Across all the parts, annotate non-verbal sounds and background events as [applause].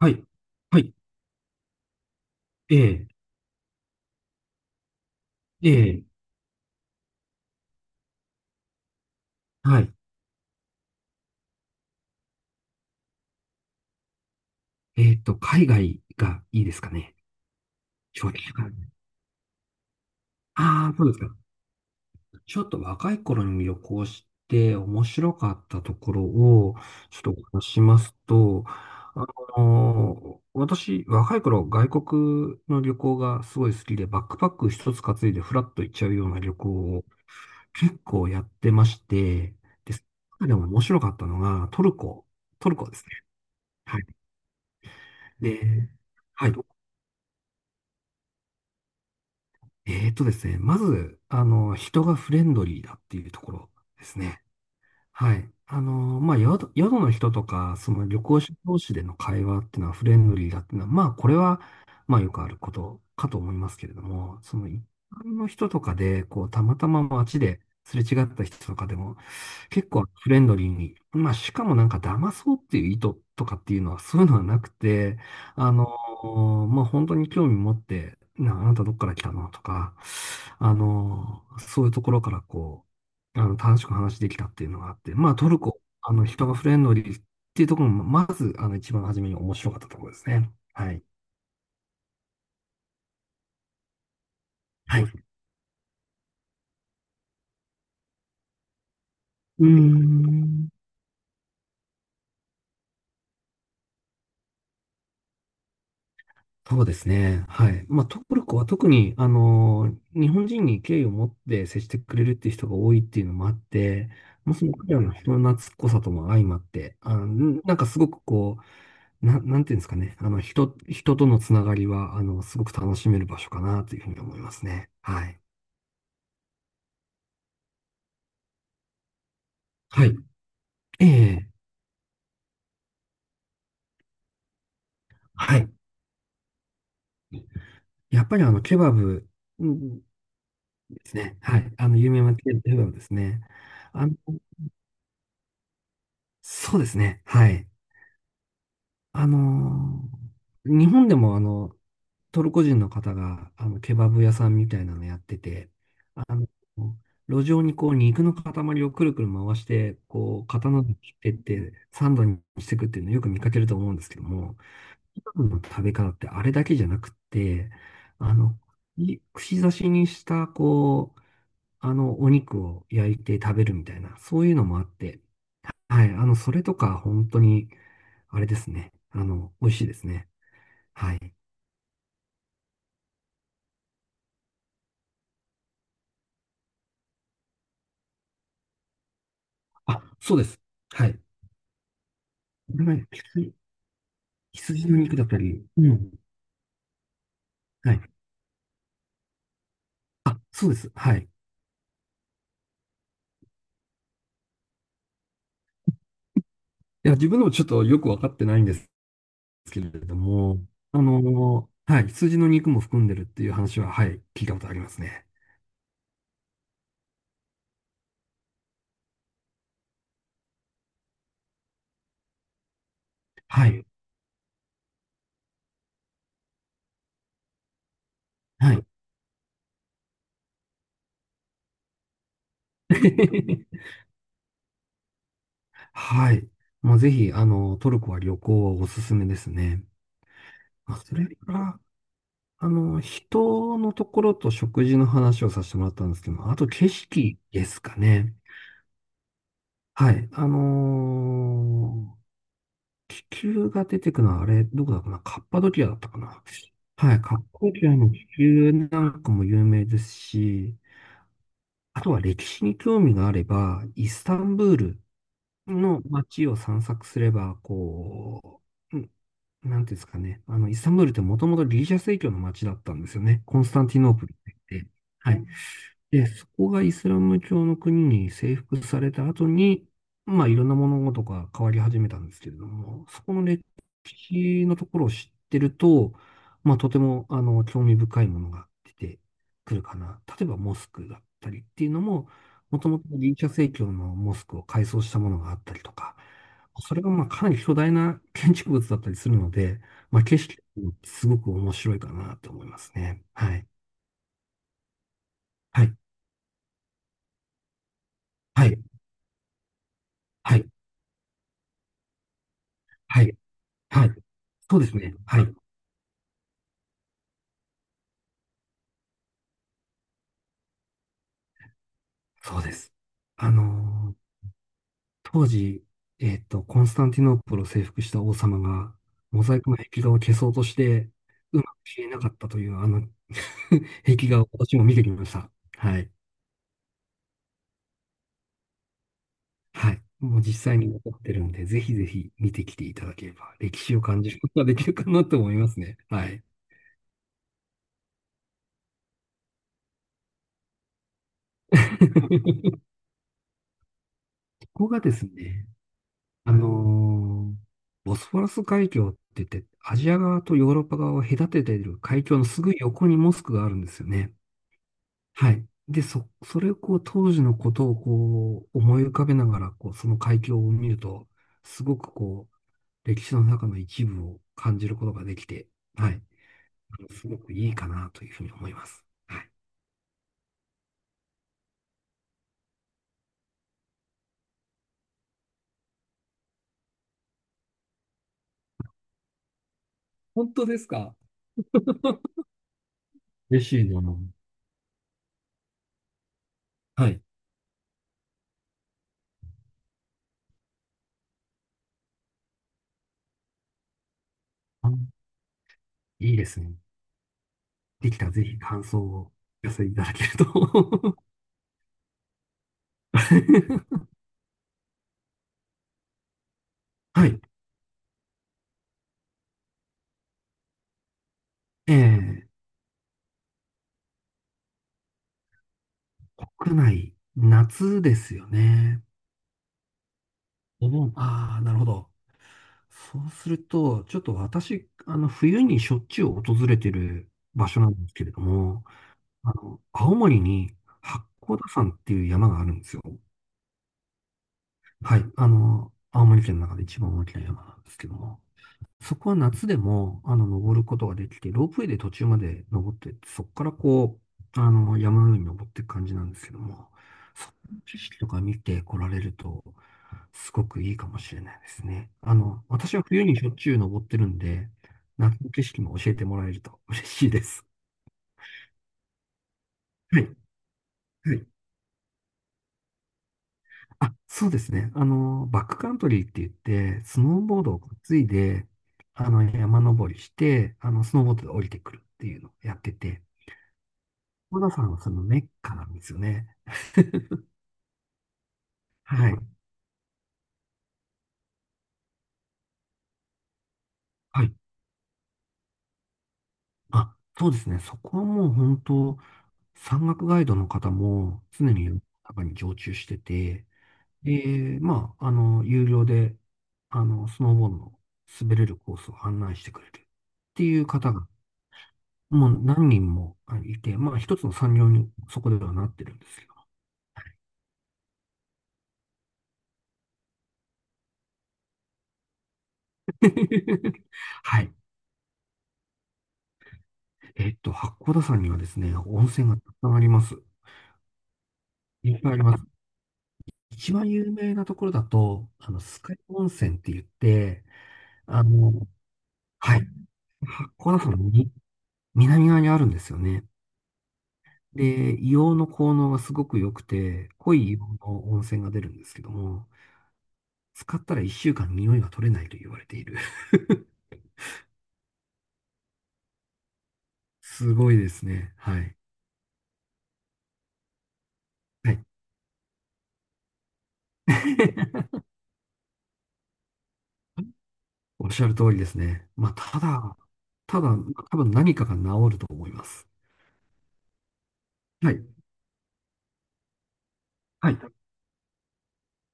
はい。はい。ええ、ええ、はい。海外がいいですかね？正直。ああ、そうですか。ちょっと若い頃に旅行して面白かったところを、ちょっとお話ししますと、私、若い頃、外国の旅行がすごい好きで、バックパック一つ担いでフラッと行っちゃうような旅行を結構やってまして、で、その中でも面白かったのが、トルコですね。はい。で、はい。えーとですね、まず、人がフレンドリーだっていうところですね。はい。まあ、宿の人とか、その旅行者同士での会話っていうのはフレンドリーだっていうのは、まあ、これは、まあ、よくあることかと思いますけれども、その一般の人とかで、こう、たまたま街ですれ違った人とかでも、結構フレンドリーに、まあ、しかもなんか騙そうっていう意図とかっていうのは、そういうのはなくて、あのまあ、本当に興味持って、あなたどっから来たのとか、そういうところからこう、楽しく話できたっていうのがあって、まあ、トルコ、人がフレンドリーっていうところも、まず、一番初めに面白かったところですね。はい。はい。うーん。そうですね。はい。まあ、トルコは特に、日本人に敬意を持って接してくれるっていう人が多いっていうのもあって、もうその彼らの人の懐っこさとも相まって、なんかすごくこう、なんていうんですかね。人とのつながりは、すごく楽しめる場所かなというふうに思いますね。はい。はい。ええ、はい。やっぱりケバブうんですね。はい。有名なケバブですね。あの、そうですね。はい。あのー日本でもトルコ人の方が、ケバブ屋さんみたいなのやってて、あの、路上にこう、肉の塊をくるくる回して、こう、刀で切ってって、サンドにしていくっていうのをよく見かけると思うんですけども、ケバブの食べ方ってあれだけじゃなくって、あの、串刺しにした、こう、お肉を焼いて食べるみたいな、そういうのもあって、はい、それとか、本当に、あれですね。美味しいですね。はい。あ、そうです。はい。これが羊の肉だったり、うん。はい。あ、そうです。はい。いや、自分でもちょっとよくわかってないんですけれども、はい、羊の肉も含んでるっていう話は、はい、聞いたことありますね。はい。はい。[laughs] はい。まあ、ぜひ、トルコは旅行はおすすめですね。あ、それから、人のところと食事の話をさせてもらったんですけども、あと景色ですかね。はい。気球が出てくのは、あれ、どこだかなカッパドキアだったかな？はい。カッパドキアの気球なんかも有名ですし、あとは歴史に興味があれば、イスタンブールの街を散策すれば、こう、なんていうんですかね。イスタンブールってもともとギリシャ正教の街だったんですよね。コンスタンティノープルって言って。はい。で、そこがイスラム教の国に征服された後に、まあいろんな物事が変わり始めたんですけれども、そこの歴史のところを知ってると、まあとても興味深いものが出てくるかな。例えばモスクだったりっていうのも、もともとギリシャ正教のモスクを改装したものがあったりとか、それがまあかなり巨大な建築物だったりするので、まあ景色もすごく面白いかなと思いますね。はい。はい。はい。はい。はい。はい。そうですね。はい。そうです。あのー当時、コンスタンティノープルを征服した王様が、モザイクの壁画を消そうとして、うまく消えなかったという、[laughs] 壁画を私も見てきました。はい。はい。もう実際に残ってるんで、ぜひぜひ見てきていただければ、歴史を感じることができるかなと思いますね。はい。[laughs] ここがですね、あのーボスフォラス海峡って言って、アジア側とヨーロッパ側を隔てている海峡のすぐ横にモスクがあるんですよね。はい。で、それをこう、当時のことをこう、思い浮かべながら、こう、その海峡を見ると、すごくこう、歴史の中の一部を感じることができて、はい。すごくいいかなというふうに思います。はい。本当ですか？嬉しいな。はい。あ、いいですね。できたらぜひ感想をお寄せいただけると。[laughs] はい。ええ、国内、夏ですよね。お盆。ああ、なるほど。そうすると、ちょっと私、冬にしょっちゅう訪れてる場所なんですけれども、青森に八甲田山っていう山があるんですよ。はい。青森県の中で一番大きな山なんですけども。そこは夏でも、登ることができて、ロープウェイで途中まで登ってって、そこからこう、山の上に登っていく感じなんですけども、その景色とか見て来られると、すごくいいかもしれないですね。私は冬にしょっちゅう登ってるんで、夏の景色も教えてもらえると嬉しいです。はい。はい。あ、そうですね。バックカントリーって言って、スノーボードを担いで、山登りして、スノーボードで降りてくるっていうのをやってて、小田さんはそのメッカなんですよね。はい。はいはい。あ、そうですね。そこはもう本当、山岳ガイドの方も常に中に常駐してて、で、まあ、有料で、スノーボードの滑れるコースを案内してくれるっていう方が、もう何人もあいて、まあ、一つの産業にそこではなってるんですけど。[laughs] はい。八甲田山にはですね、温泉がたくさんあります。いっぱいあります。一番有名なところだと、酸ヶ湯温泉って言って、あの、はい、こ甲のに南側にあるんですよね。で、硫黄の効能がすごく良くて、濃い硫黄の温泉が出るんですけども、使ったら1週間匂いが取れないと言われている。[laughs] すごいですね。はい。はい。[laughs] おっしゃる通りですね。まあ、ただ、多分何かが治ると思います。はい。はい。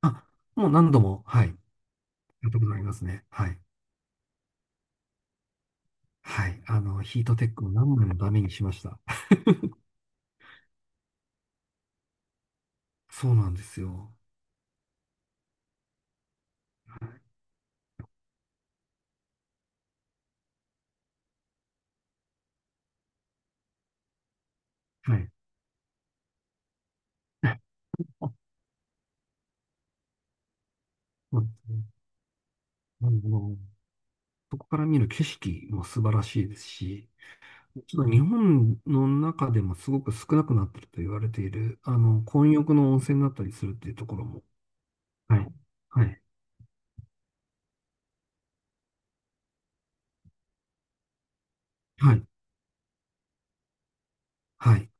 あ、もう何度も、はい。やったことありますね。はい。はい。ヒートテックを何枚もダメにしました。そうなんですよ。はい。[laughs] そうですね。あのそこから見る景色も素晴らしいですし、ちょっと日本の中でもすごく少なくなってると言われている、混浴の温泉だったりするっていうところも、はい、はい、はい、はい。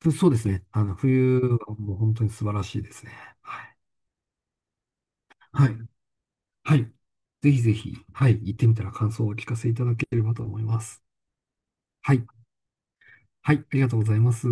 そうですね。冬はもう本当に素晴らしいですね。はい、はい、はい。ぜひぜひ、はい、行ってみたら感想をお聞かせいただければと思います。はい。はい、ありがとうございます。